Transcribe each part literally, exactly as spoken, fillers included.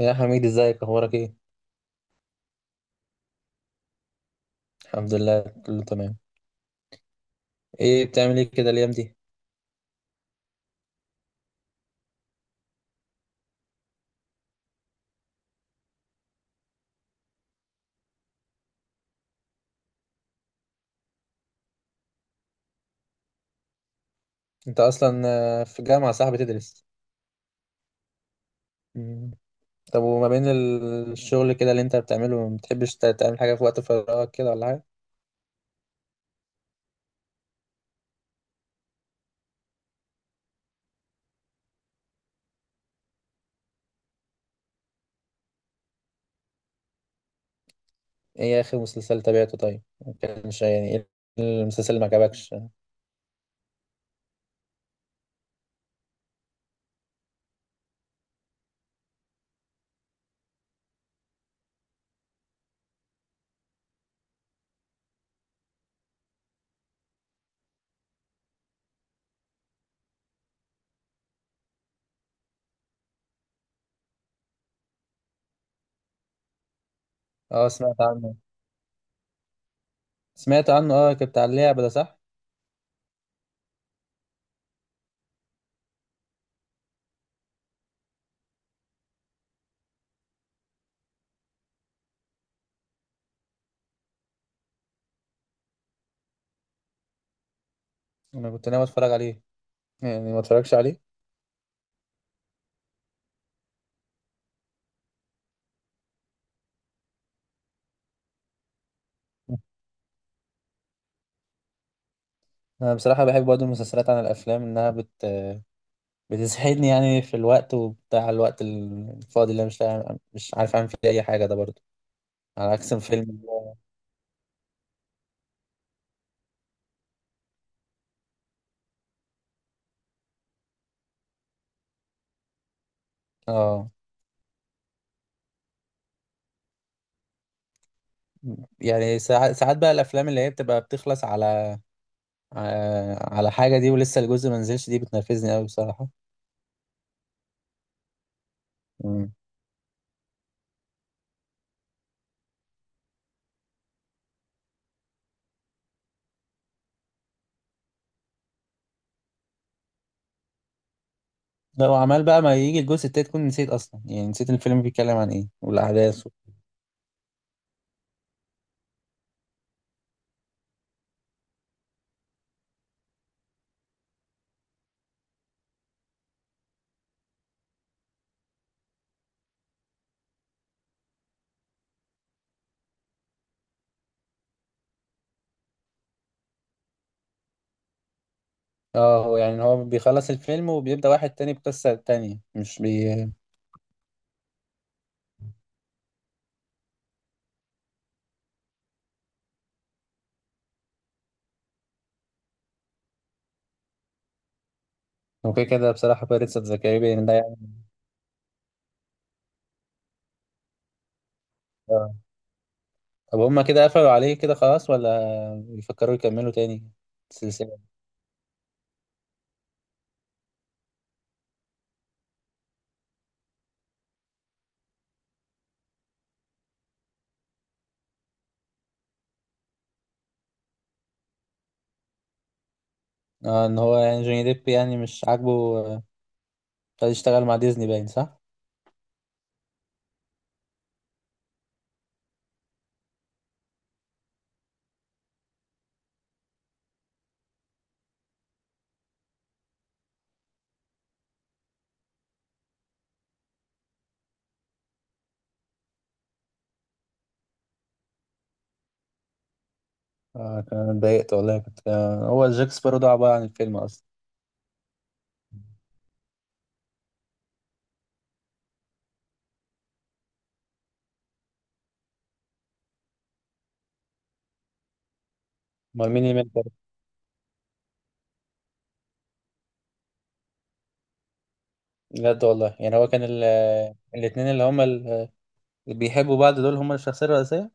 يا حميد، ازيك؟ اخبارك ايه؟ الحمد لله، كله تمام. ايه بتعمل ايه كده الايام دي؟ انت اصلا آه، في الجامعه صح بتدرس؟ مم. طب وما بين ال- الشغل كده اللي انت بتعمله، ما بتحبش ت- تعمل حاجه في وقت فراغك كده ولا حاجه؟ ايه اخر مسلسل تابعته؟ طيب، ما كانش يعني ايه المسلسل اللي ما عجبكش؟ اه سمعت عنه، سمعت عنه، اه كنت على اللعبه ده صح. انا كنت ناوي اتفرج عليه، يعني ما اتفرجش عليه. انا بصراحه بحب برضه المسلسلات عن الافلام، انها بت، بتسعدني يعني في الوقت وبتاع، الوقت الفاضي اللي أنا مش لاقي- مش عارف اعمل فيه اي حاجه ده برضو، على عكس الفيلم. اه يعني ساعات ساعات بقى الافلام اللي هي بتبقى بتخلص على، آه، على حاجه دي ولسه الجزء ما نزلش، دي بتنرفزني قوي بصراحه. مم. لو عمال بقى ما يجي الجزء التاني تكون نسيت اصلا، يعني نسيت الفيلم بيتكلم عن ايه والاحداث و- اه. هو يعني هو بيخلص الفيلم وبيبدأ واحد تاني بقصة تانية مش بي. هو كده كده بصراحة بيرتس اوف ذا كاريبيان ده يعني. آه. طب هما كده قفلوا عليه كده خلاص، ولا بيفكروا يكملوا تاني السلسلة؟ اه، ان هو يعني جوني ديب يعني مش عاجبه، آه، خد يشتغل مع ديزني، باين صح؟ اه، كان اتضايقت والله. كنت آه، هو جاك سبارو ده عبارة عن الفيلم اصلا. امال مين اللي مات برضه؟ بجد والله، يعني هو كان ال... آه، الاتنين اللي هما ال- آه، اللي بيحبوا بعض دول هما الشخصية الرئيسية.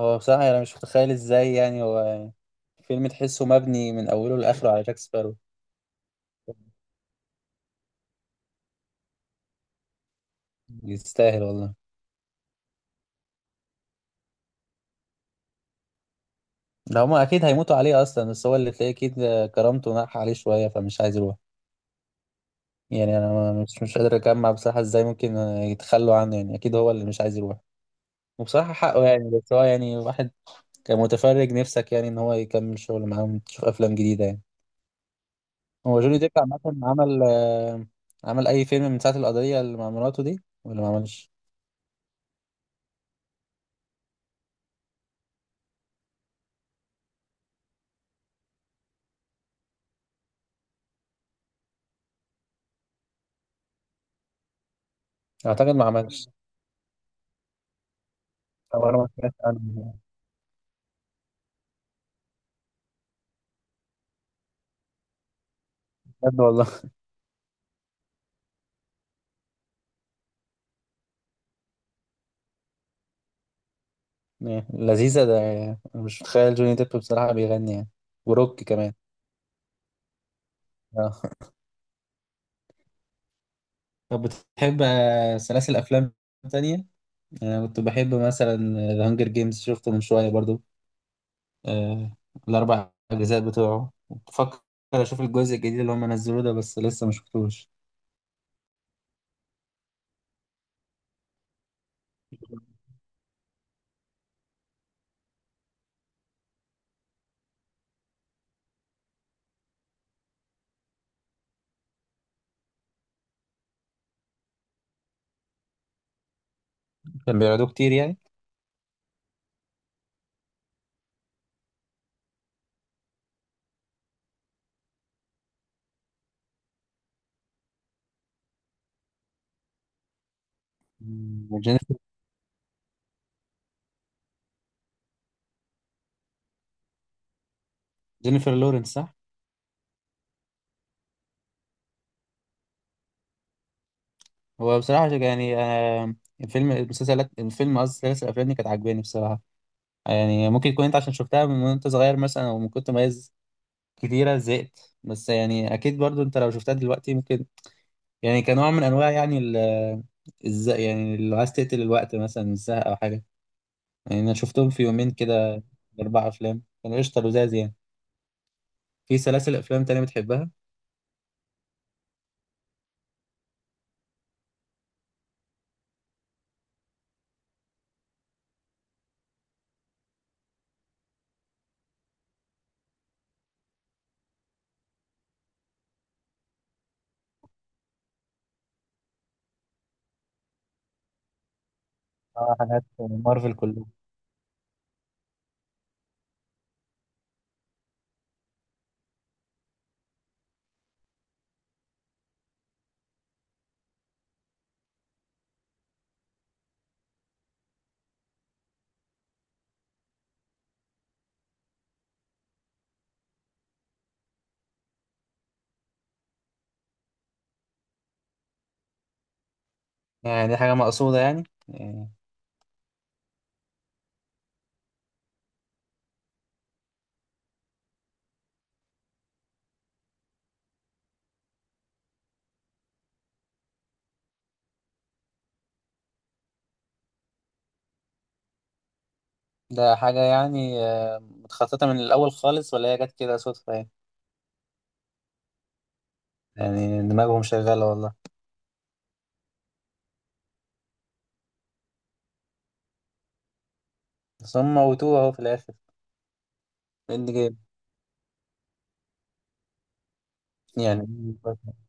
هو بصراحة انا مش متخيل ازاي، يعني هو فيلم تحسه مبني من اوله لاخره على جاك سبارو. يستاهل والله. ده هما اكيد هيموتوا عليه اصلا، بس هو اللي تلاقيه اكيد كرامته ناح عليه شويه فمش عايز يروح. يعني انا مش مش قادر اجمع بصراحه ازاي ممكن يتخلوا عنه، يعني اكيد هو اللي مش عايز يروح. وبصراحه حقه، يعني بس هو يعني واحد كمتفرج نفسك يعني ان هو يكمل شغل معاهم تشوف افلام جديده يعني. هو جوني ديب عامه عمل، آه، عمل اي فيلم من ساعه القضيه اللي مع مراته دي ولا ما عملش؟ اعتقد ما عملش، او انا ما سمعتش عنه. بجد والله؟ لذيذه ده يعني. أنا مش متخيل جوني ديب بصراحه بيغني يعني. وروك كمان. آه. طب بتحب آه، سلاسل أفلام تانية؟ يعني أنا كنت بحب مثلا ذا هانجر جيمز، شفته من شوية برضو. آه، الأربع أجزاء بتوعه، بفكر أشوف الجزء الجديد اللي هم نزلوه ده، بس لسه ما شفتوش. كان بيعرضوه كتير يعني. مم، جينيفر، جينيفر لورنس صح؟ هو بصراحة يعني، آه، الفيلم المسلسلات الفيلم، قصدي سلاسل الأفلام دي كانت عاجباني بصراحة. آه، يعني ممكن يكون أنت عشان شفتها من وأنت صغير مثلا، أو من كنت مميز كتيرة زهقت، بس يعني أكيد برضو أنت لو شفتها دلوقتي ممكن، يعني كنوع من انواع يعني ال، ازاي يعني لو عايز تقتل الوقت مثلا الزهق او حاجه. يعني انا شفتهم في يومين كده، اربع افلام، كانوا قشطه لزاز يعني. في سلاسل افلام تانية بتحبها؟ اه حاجات مارفل كلها. يعني دي حاجه مقصوده يعني؟ يعني ده حاجه يعني، آه، متخططه من الاول خالص، ولا هي جت كده صدفه يعني؟ يعني دماغهم شغاله والله. بس هم موتوه اهو في الاخر، اند جيم. يعني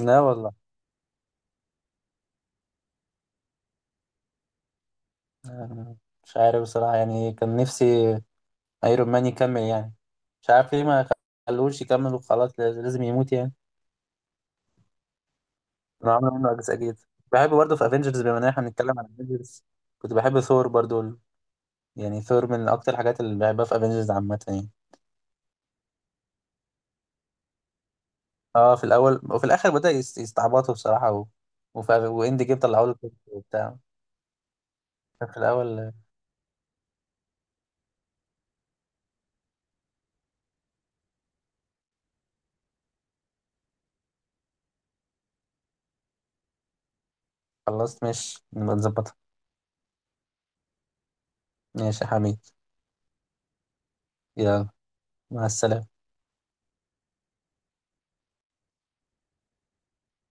لا والله، آه، مش عارف بصراحه يعني. كان نفسي ايرون مان يكمل يعني. مش عارف ليه ما خلوش يكمل وخلاص، لاز- لازم يموت يعني. انا عامل منه اجزاء جديده. بحب برضه في افنجرز، بما ان احنا بنتكلم عن افنجرز، كنت بحب ثور برضه. يعني ثور من اكتر الحاجات اللي بحبها في افنجرز عامه يعني. اه في الاول، وفي الاخر بدأ يس- يستعبطوا بصراحه و، وفي واند جيم طلعوا له كده وبتاع. في الاول. خلصت، ماشي، نبقى نظبطها. ماشي يا حميد، يلا. مع السلامه.